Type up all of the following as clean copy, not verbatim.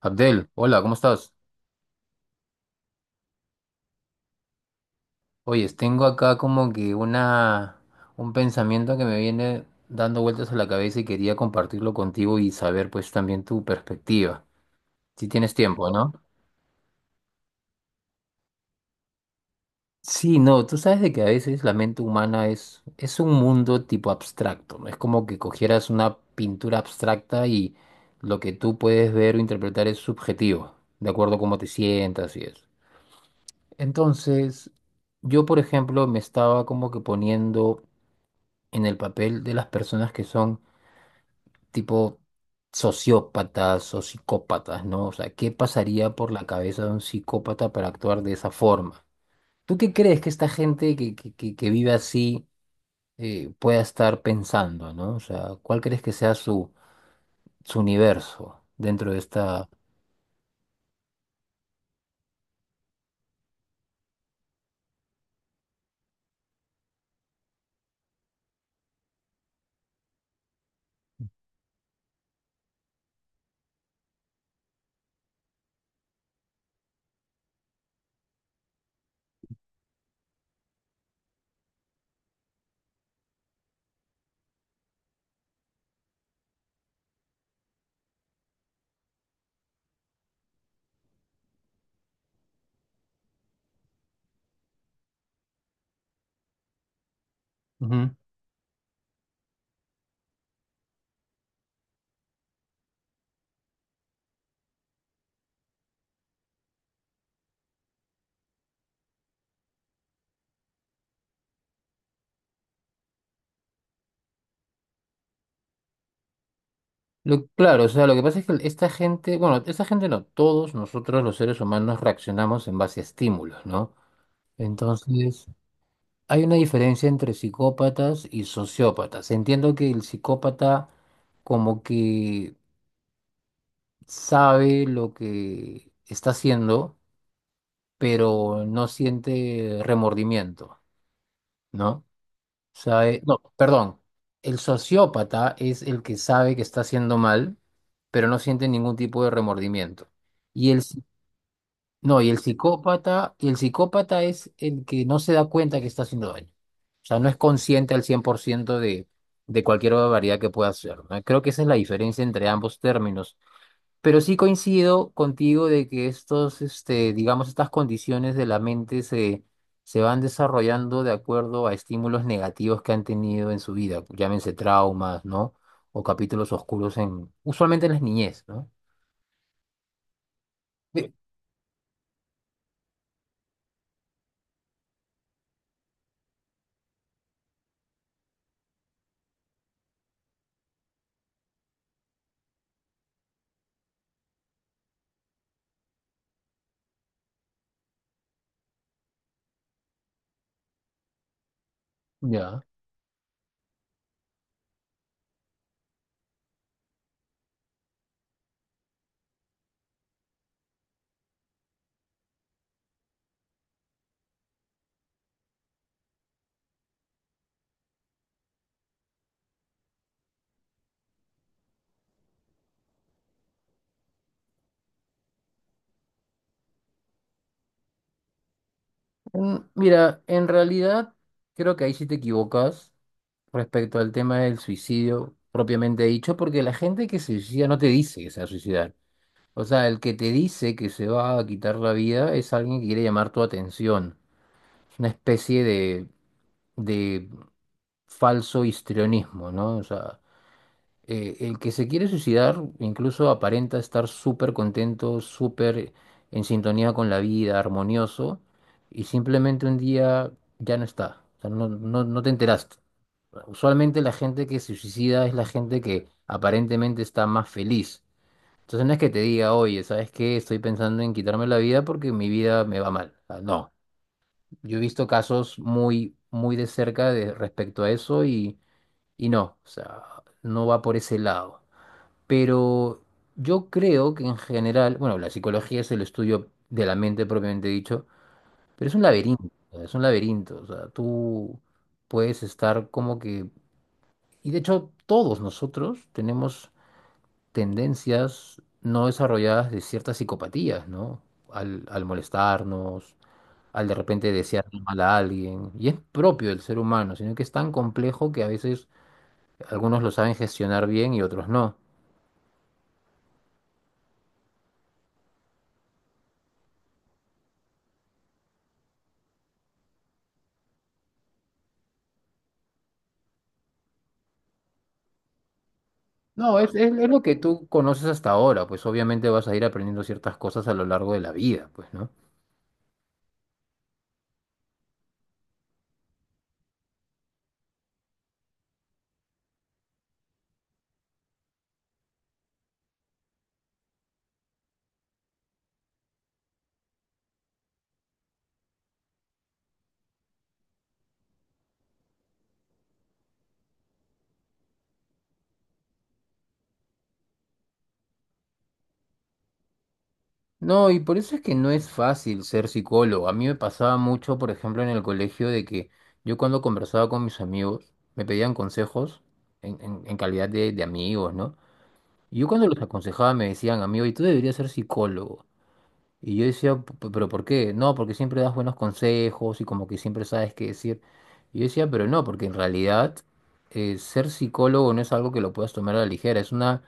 Abdel, hola, ¿cómo estás? Oyes, tengo acá como que una, un pensamiento que me viene dando vueltas a la cabeza y quería compartirlo contigo y saber pues también tu perspectiva. Si tienes tiempo, ¿no? Sí, no, tú sabes de que a veces la mente humana es un mundo tipo abstracto, ¿no? Es como que cogieras una pintura abstracta y lo que tú puedes ver o interpretar es subjetivo, de acuerdo a cómo te sientas y eso. Entonces, yo por ejemplo me estaba como que poniendo en el papel de las personas que son tipo sociópatas o psicópatas, ¿no? O sea, ¿qué pasaría por la cabeza de un psicópata para actuar de esa forma? ¿Tú qué crees que esta gente que vive así pueda estar pensando, ¿no? O sea, ¿cuál crees que sea su universo dentro de esta...? Ujú. Claro, o sea, lo que pasa es que esta gente, bueno, esta gente no, todos nosotros los seres humanos reaccionamos en base a estímulos, ¿no? Entonces, hay una diferencia entre psicópatas y sociópatas. Entiendo que el psicópata como que sabe lo que está haciendo, pero no siente remordimiento, ¿no? Sabe, no, perdón. El sociópata es el que sabe que está haciendo mal, pero no siente ningún tipo de remordimiento. Y el... No, y el psicópata es el que no se da cuenta que está haciendo daño. O sea, no es consciente al 100% de cualquier barbaridad que pueda hacer, ¿no? Creo que esa es la diferencia entre ambos términos. Pero sí coincido contigo de que estos, este, digamos, estas condiciones de la mente se van desarrollando de acuerdo a estímulos negativos que han tenido en su vida, llámense traumas, ¿no? O capítulos oscuros en, usualmente en las niñez, ¿no? Sí. Ya. Mira, en realidad creo que ahí sí te equivocas respecto al tema del suicidio propiamente dicho, porque la gente que se suicida no te dice que se va a suicidar. O sea, el que te dice que se va a quitar la vida es alguien que quiere llamar tu atención. Es una especie de falso histrionismo, ¿no? O sea, el que se quiere suicidar incluso aparenta estar súper contento, súper en sintonía con la vida, armonioso, y simplemente un día ya no está, o sea, no, no, no te enteraste. Usualmente la gente que se suicida es la gente que aparentemente está más feliz. Entonces no es que te diga, oye, ¿sabes qué? Estoy pensando en quitarme la vida porque mi vida me va mal. O sea, no, yo he visto casos muy, muy de cerca de, respecto a eso y no, o sea, no va por ese lado. Pero yo creo que en general, bueno, la psicología es el estudio de la mente propiamente dicho, pero es un laberinto, o sea, es un laberinto, o sea, tú puedes estar como que, y de hecho todos nosotros tenemos tendencias no desarrolladas de ciertas psicopatías, ¿no? Al molestarnos, al de repente desear mal a alguien, y es propio del ser humano, sino que es tan complejo que a veces algunos lo saben gestionar bien y otros no. No, es lo que tú conoces hasta ahora, pues obviamente vas a ir aprendiendo ciertas cosas a lo largo de la vida, pues, ¿no? No, y por eso es que no es fácil ser psicólogo. A mí me pasaba mucho, por ejemplo, en el colegio de que yo cuando conversaba con mis amigos, me pedían consejos en calidad de amigos, ¿no? Y yo cuando los aconsejaba me decían, amigo, y tú deberías ser psicólogo. Y yo decía, Pero ¿por qué?" No, porque siempre das buenos consejos y como que siempre sabes qué decir. Y yo decía, pero no, porque en realidad ser psicólogo no es algo que lo puedas tomar a la ligera, es una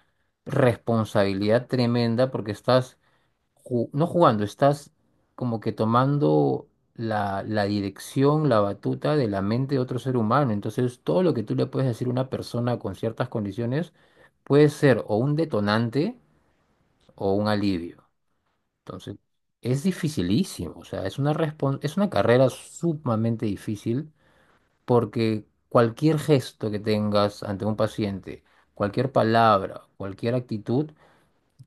responsabilidad tremenda porque estás, no jugando, estás como que tomando la dirección, la batuta de la mente de otro ser humano. Entonces, todo lo que tú le puedes decir a una persona con ciertas condiciones puede ser o un detonante o un alivio. Entonces, es dificilísimo, o sea, es una es una carrera sumamente difícil porque cualquier gesto que tengas ante un paciente, cualquier palabra, cualquier actitud,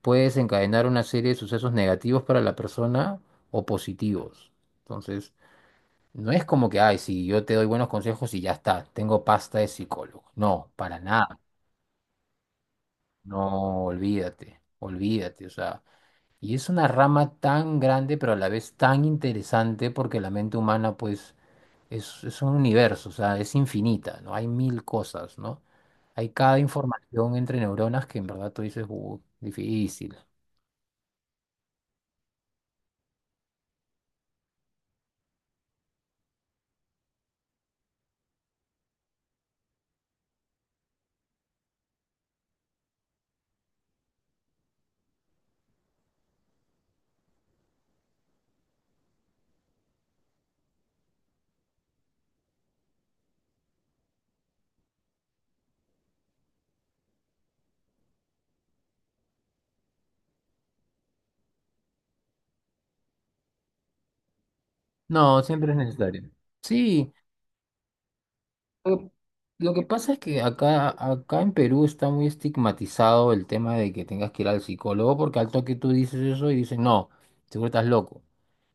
puede desencadenar una serie de sucesos negativos para la persona o positivos. Entonces, no es como que, ay, si yo te doy buenos consejos y ya está, tengo pasta de psicólogo. No, para nada. No, olvídate, olvídate, o sea. Y es una rama tan grande, pero a la vez tan interesante, porque la mente humana, pues, es un universo, o sea, es infinita, ¿no? Hay mil cosas, ¿no? Hay cada información entre neuronas que en verdad tú dices, difícil. No, siempre es necesario. Sí, Lo lo que pasa es que acá, acá en Perú está muy estigmatizado el tema de que tengas que ir al psicólogo, porque al toque tú dices eso y dicen, no, seguro estás loco.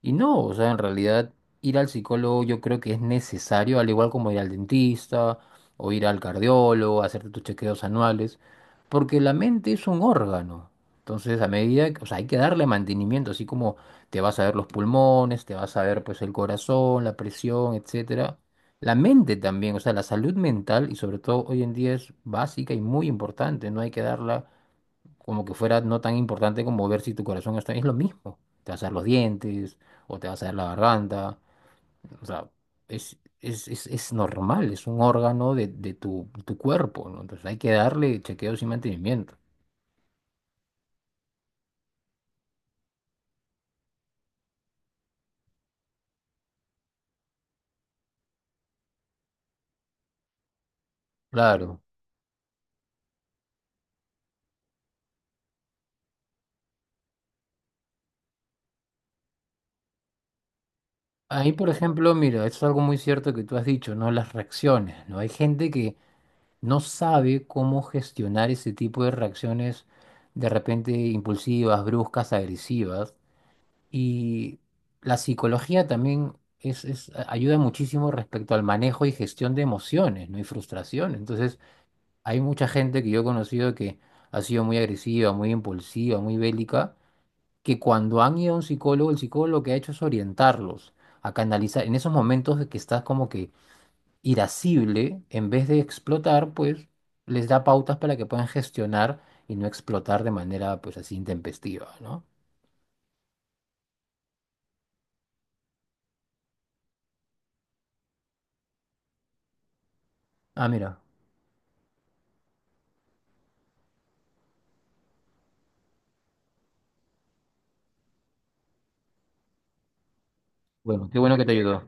Y no, o sea, en realidad ir al psicólogo yo creo que es necesario, al igual como ir al dentista o ir al cardiólogo, hacerte tus chequeos anuales, porque la mente es un órgano. Entonces, a medida, que- o sea, hay que darle mantenimiento, así como te vas a ver los pulmones, te vas a ver pues el corazón, la presión, etcétera. La mente también, o sea, la salud mental y sobre todo hoy en día es básica y muy importante, no hay que darla como que fuera no tan importante como ver si tu corazón está bien, es lo mismo, te vas a dar los dientes o te vas a dar la garganta, o sea, es normal, es un órgano de tu cuerpo, ¿no? Entonces hay que darle chequeos y mantenimiento. Claro. Ahí, por ejemplo, mira, esto es algo muy cierto que tú has dicho, ¿no? Las reacciones, ¿no? Hay gente que no sabe cómo gestionar ese tipo de reacciones de repente impulsivas, bruscas, agresivas. Y la psicología también ayuda muchísimo respecto al manejo y gestión de emociones, ¿no? Y frustración. Entonces, hay mucha gente que yo he conocido que ha sido muy agresiva, muy impulsiva, muy bélica, que cuando han ido a un psicólogo, el psicólogo lo que ha hecho es orientarlos a canalizar en esos momentos de que estás como que irascible, en vez de explotar, pues les da pautas para que puedan gestionar y no explotar de manera pues así intempestiva, ¿no? Ah, mira, bueno, qué bueno que te ayudó.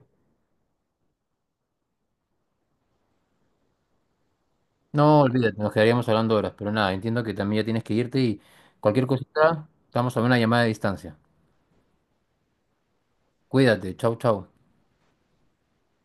No, olvídate, nos quedaríamos hablando horas, pero nada, entiendo que también ya tienes que irte y cualquier cosita, estamos a una llamada de distancia. Cuídate, chau, chau.